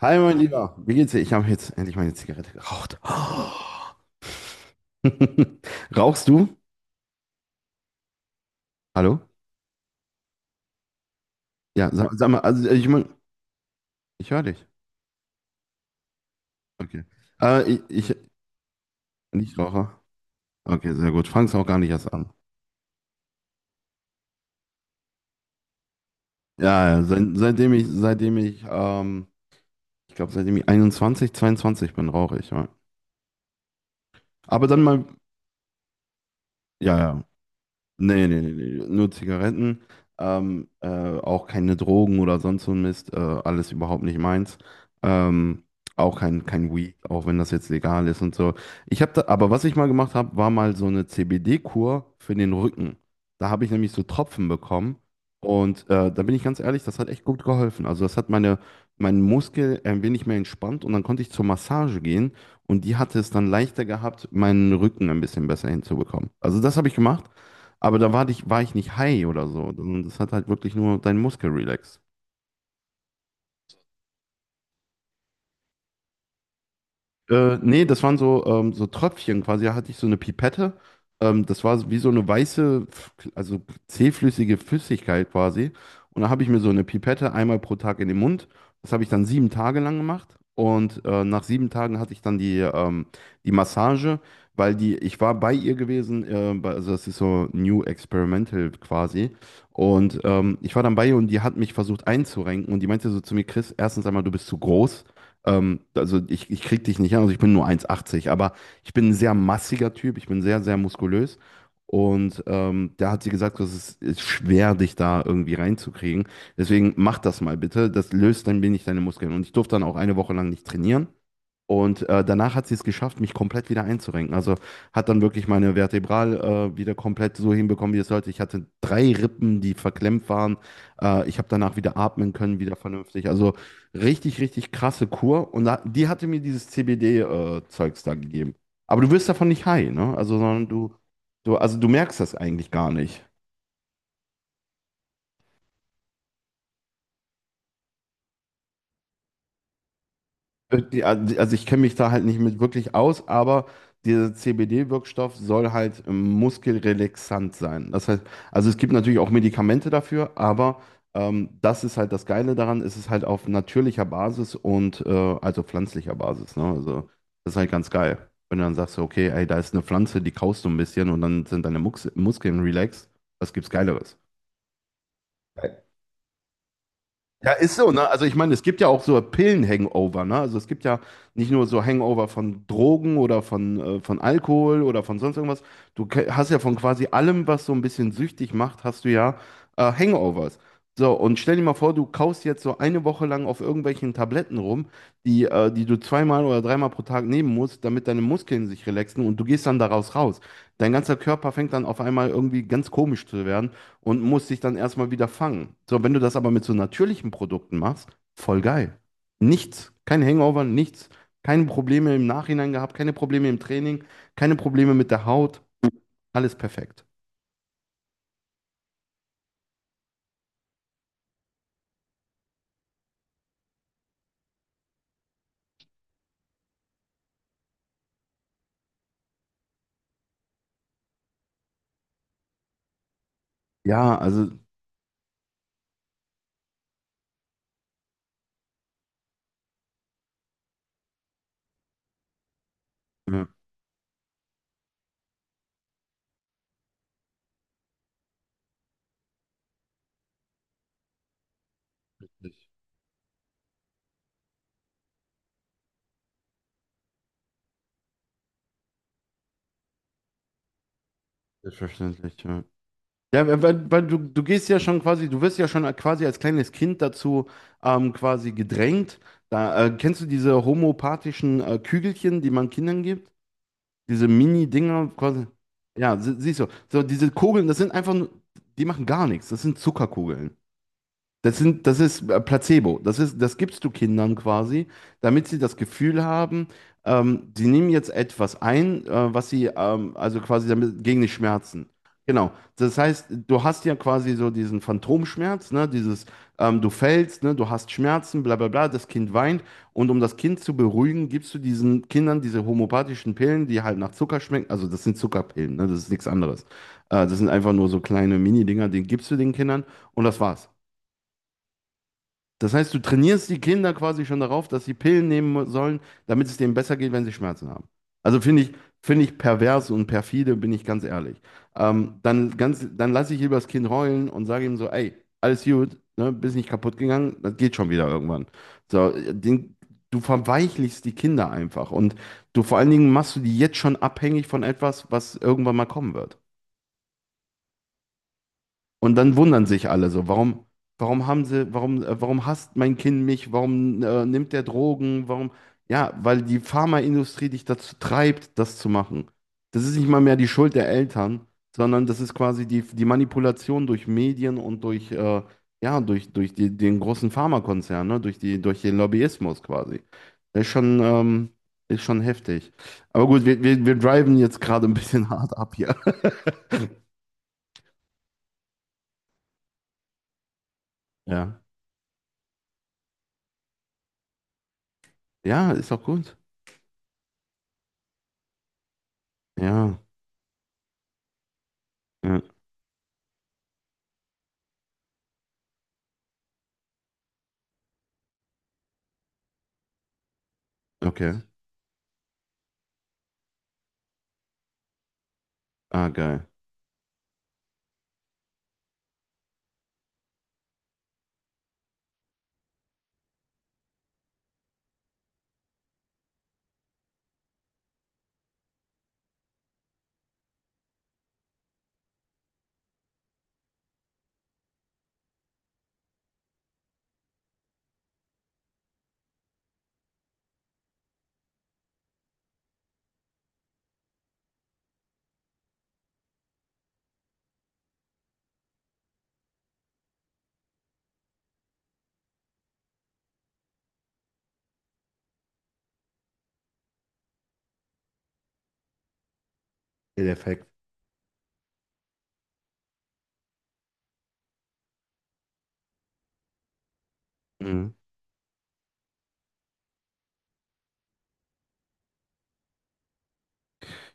Hi, mein Lieber. Wie geht's dir? Ich habe jetzt endlich meine Zigarette geraucht. Rauchst du? Hallo? Ja, sag mal, also ich mein, ich höre dich. Okay. Äh, ich, ich, nicht Raucher. Okay, sehr gut. Fang's auch gar nicht erst an. Ja, ja, seit, seitdem ich, ich glaube, seitdem ich 21, 22 bin, rauche ich. Ja. Aber dann mal, ja, ja. Nee, nee, nee, nee, nur Zigaretten, ähm, äh, auch keine Drogen oder sonst so ein Mist, alles überhaupt nicht meins. Ähm, auch kein Weed, auch wenn das jetzt legal ist und so. Ich habe da, aber was ich mal gemacht habe, war mal so eine CBD-Kur für den Rücken. Da habe ich nämlich so Tropfen bekommen und da bin ich ganz ehrlich, das hat echt gut geholfen. Meinen Muskel ein wenig mehr entspannt und dann konnte ich zur Massage gehen und die hatte es dann leichter gehabt, meinen Rücken ein bisschen besser hinzubekommen. Also das habe ich gemacht. Aber war ich nicht high oder so. Das hat halt wirklich nur deinen Muskel relaxt. Nee, das waren so, so Tröpfchen quasi. Da hatte ich so eine Pipette. Das war wie so eine also zähflüssige Flüssigkeit quasi. Und da habe ich mir so eine Pipette einmal pro Tag in den Mund. Das habe ich dann sieben Tage lang gemacht. Und nach sieben Tagen hatte ich dann die Massage, weil ich war bei ihr gewesen, also das ist so New Experimental quasi. Und ich war dann bei ihr und die hat mich versucht einzurenken und die meinte so zu mir, Chris, erstens einmal, du bist zu groß. Ich krieg dich nicht an, also ich bin nur eins achtzig, aber ich bin ein sehr massiger Typ, ich bin sehr, sehr muskulös. Und da hat sie gesagt, ist schwer, dich da irgendwie reinzukriegen. Deswegen mach das mal bitte. Das löst ein wenig deine Muskeln. Und ich durfte dann auch eine Woche lang nicht trainieren. Und danach hat sie es geschafft, mich komplett wieder einzurenken. Also hat dann wirklich meine Vertebral wieder komplett so hinbekommen, wie es sollte. Ich hatte drei Rippen, die verklemmt waren. Ich habe danach wieder atmen können, wieder vernünftig. Also richtig, richtig krasse Kur. Und da, die hatte mir dieses CBD-Zeugs da gegeben. Aber du wirst davon nicht high, ne? Also du merkst das eigentlich gar nicht. Also ich kenne mich da halt nicht mit wirklich aus, aber dieser CBD-Wirkstoff soll halt muskelrelaxant sein. Das heißt, also es gibt natürlich auch Medikamente dafür, aber das ist halt das Geile daran, es ist halt auf natürlicher Basis und also pflanzlicher Basis. Ne? Also das ist halt ganz geil. Wenn du dann sagst, okay, ey, da ist eine Pflanze, die kaust du ein bisschen und dann sind deine Mux Muskeln relaxed, was gibt's Geileres? Ja, ist so, ne? Also ich meine, es gibt ja auch so Pillen-Hangover, ne? Also es gibt ja nicht nur so Hangover von Drogen oder von Alkohol oder von sonst irgendwas. Hast ja von quasi allem, was so ein bisschen süchtig macht, hast du ja Hangovers. So, und stell dir mal vor, du kaust jetzt so eine Woche lang auf irgendwelchen Tabletten rum, die du zweimal oder dreimal pro Tag nehmen musst, damit deine Muskeln sich relaxen und du gehst dann daraus raus. Dein ganzer Körper fängt dann auf einmal irgendwie ganz komisch zu werden und muss sich dann erstmal wieder fangen. So, wenn du das aber mit so natürlichen Produkten machst, voll geil. Nichts, kein Hangover, nichts, keine Probleme im Nachhinein gehabt, keine Probleme im Training, keine Probleme mit der Haut, alles perfekt. Ja, also, ja, selbstverständlich, ja. Ja, weil du gehst ja schon quasi, du wirst ja schon quasi als kleines Kind dazu quasi gedrängt. Kennst du diese homöopathischen Kügelchen, die man Kindern gibt? Diese Mini-Dinger quasi. Ja, siehst du. So, diese Kugeln, das sind einfach nur, die machen gar nichts. Das sind Zuckerkugeln. Das ist Placebo. Das gibst du Kindern quasi, damit sie das Gefühl haben, sie nehmen jetzt etwas ein, was also quasi damit gegen die Schmerzen. Genau. Das heißt, du hast ja quasi so diesen Phantomschmerz, ne? Dieses, du fällst, ne? Du hast Schmerzen, bla bla bla. Das Kind weint und um das Kind zu beruhigen, gibst du diesen Kindern diese homöopathischen Pillen, die halt nach Zucker schmecken. Also das sind Zuckerpillen, ne? Das ist nichts anderes. Das sind einfach nur so kleine Mini-Dinger, die gibst du den Kindern und das war's. Das heißt, du trainierst die Kinder quasi schon darauf, dass sie Pillen nehmen sollen, damit es denen besser geht, wenn sie Schmerzen haben. Also finde ich, finde ich pervers und perfide, bin ich ganz ehrlich. Dann lasse ich lieber das Kind heulen und sage ihm so, ey, alles gut, ne, bist nicht kaputt gegangen, das geht schon wieder irgendwann. So, den, du verweichlichst die Kinder einfach und du vor allen Dingen machst du die jetzt schon abhängig von etwas, was irgendwann mal kommen wird. Und dann wundern sich alle so, warum hasst mein Kind mich, warum nimmt der Drogen, warum, ja, weil die Pharmaindustrie dich dazu treibt, das zu machen. Das ist nicht mal mehr die Schuld der Eltern, sondern das ist quasi die Manipulation durch Medien und ja, den großen Pharmakonzern, ne? Durch den Lobbyismus quasi. Das ist schon, ähm, ist schon heftig. Aber gut, wir driven jetzt gerade ein bisschen hart ab hier. Ja. Ja, ist auch gut. Ja. Ja. Okay. Ah, geil. Der Effekt. Mhm.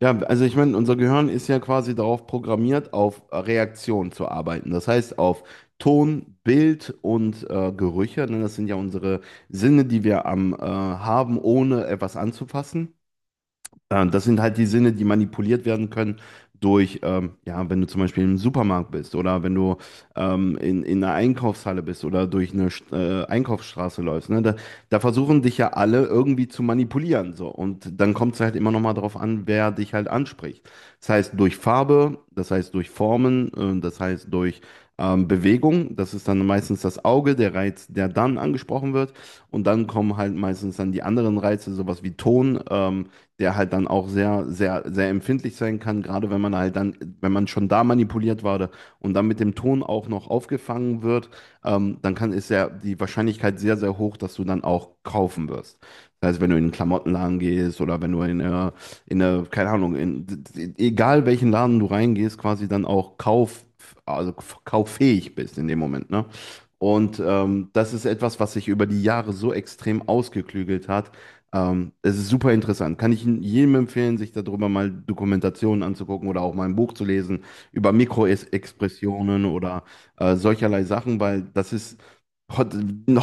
Ja, also ich meine, unser Gehirn ist ja quasi darauf programmiert, auf Reaktion zu arbeiten. Das heißt, auf Ton, Bild und Gerüche. Ne? Das sind ja unsere Sinne, die wir am haben, ohne etwas anzufassen. Ja, das sind halt die Sinne, die manipuliert werden können ja, wenn du zum Beispiel im Supermarkt bist oder wenn du in einer Einkaufshalle bist oder durch eine Einkaufsstraße läufst. Ne? Da versuchen dich ja alle irgendwie zu manipulieren. So. Und dann kommt es halt immer noch mal darauf an, wer dich halt anspricht. Das heißt durch Farbe, das heißt durch Formen, das heißt durch Bewegung. Das ist dann meistens das Auge, der Reiz, der dann angesprochen wird. Und dann kommen halt meistens dann die anderen Reize, sowas wie Ton. Der halt dann auch sehr, sehr, sehr empfindlich sein kann, gerade wenn man halt dann, wenn man schon da manipuliert wurde und dann mit dem Ton auch noch aufgefangen wird, dann kann, ist ja die Wahrscheinlichkeit sehr, sehr hoch, dass du dann auch kaufen wirst. Das heißt, wenn du in einen Klamottenladen gehst oder wenn du keine Ahnung, egal welchen Laden du reingehst, quasi dann auch kauf, also kauffähig bist in dem Moment, ne? Und das ist etwas, was sich über die Jahre so extrem ausgeklügelt hat, es ist super interessant. Kann ich jedem empfehlen, sich darüber mal Dokumentationen anzugucken oder auch mal ein Buch zu lesen über Mikroexpressionen oder solcherlei Sachen, weil das ist, heut-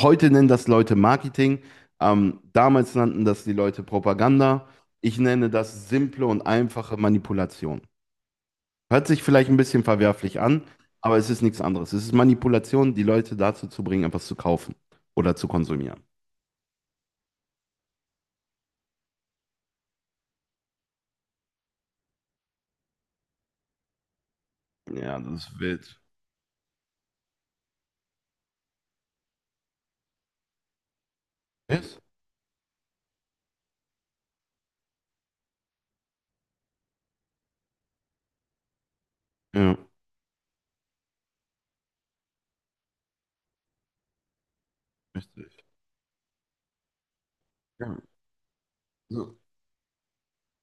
heute nennen das Leute Marketing, damals nannten das die Leute Propaganda. Ich nenne das simple und einfache Manipulation. Hört sich vielleicht ein bisschen verwerflich an, aber es ist nichts anderes. Es ist Manipulation, die Leute dazu zu bringen, etwas zu kaufen oder zu konsumieren. Ja, das ist wild. Yes. Ja. Richtig. Ja. So.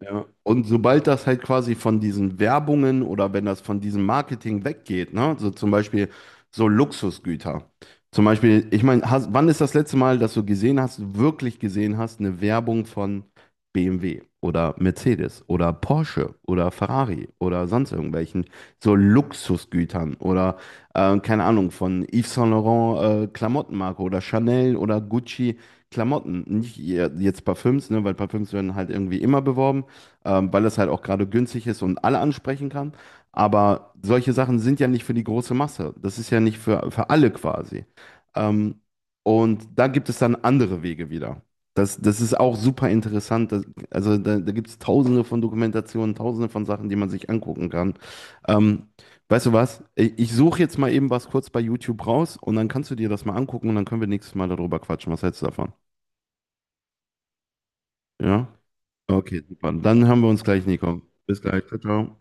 Ja. Und sobald das halt quasi von diesen Werbungen oder wenn das von diesem Marketing weggeht, ne, so zum Beispiel so Luxusgüter. Zum Beispiel, ich meine, wann ist das letzte Mal, dass du gesehen hast, wirklich gesehen hast, eine Werbung von BMW oder Mercedes oder Porsche oder Ferrari oder sonst irgendwelchen so Luxusgütern oder keine Ahnung, von Yves Saint Laurent Klamottenmarke oder Chanel oder Gucci Klamotten. Nicht ihr- jetzt Parfüms, ne, weil Parfüms werden halt irgendwie immer beworben weil es halt auch gerade günstig ist und alle ansprechen kann. Aber solche Sachen sind ja nicht für die große Masse. Das ist ja nicht für alle quasi. Ähm, und da gibt es dann andere Wege wieder. Das ist auch super interessant. Also da gibt es tausende von Dokumentationen, tausende von Sachen, die man sich angucken kann. Ähm, weißt du was? Ich suche jetzt mal eben was kurz bei YouTube raus und dann kannst du dir das mal angucken und dann können wir nächstes Mal darüber quatschen. Was hältst du davon? Ja? Okay, super. Dann haben wir uns gleich, Nico. Bis gleich. Ciao, ciao.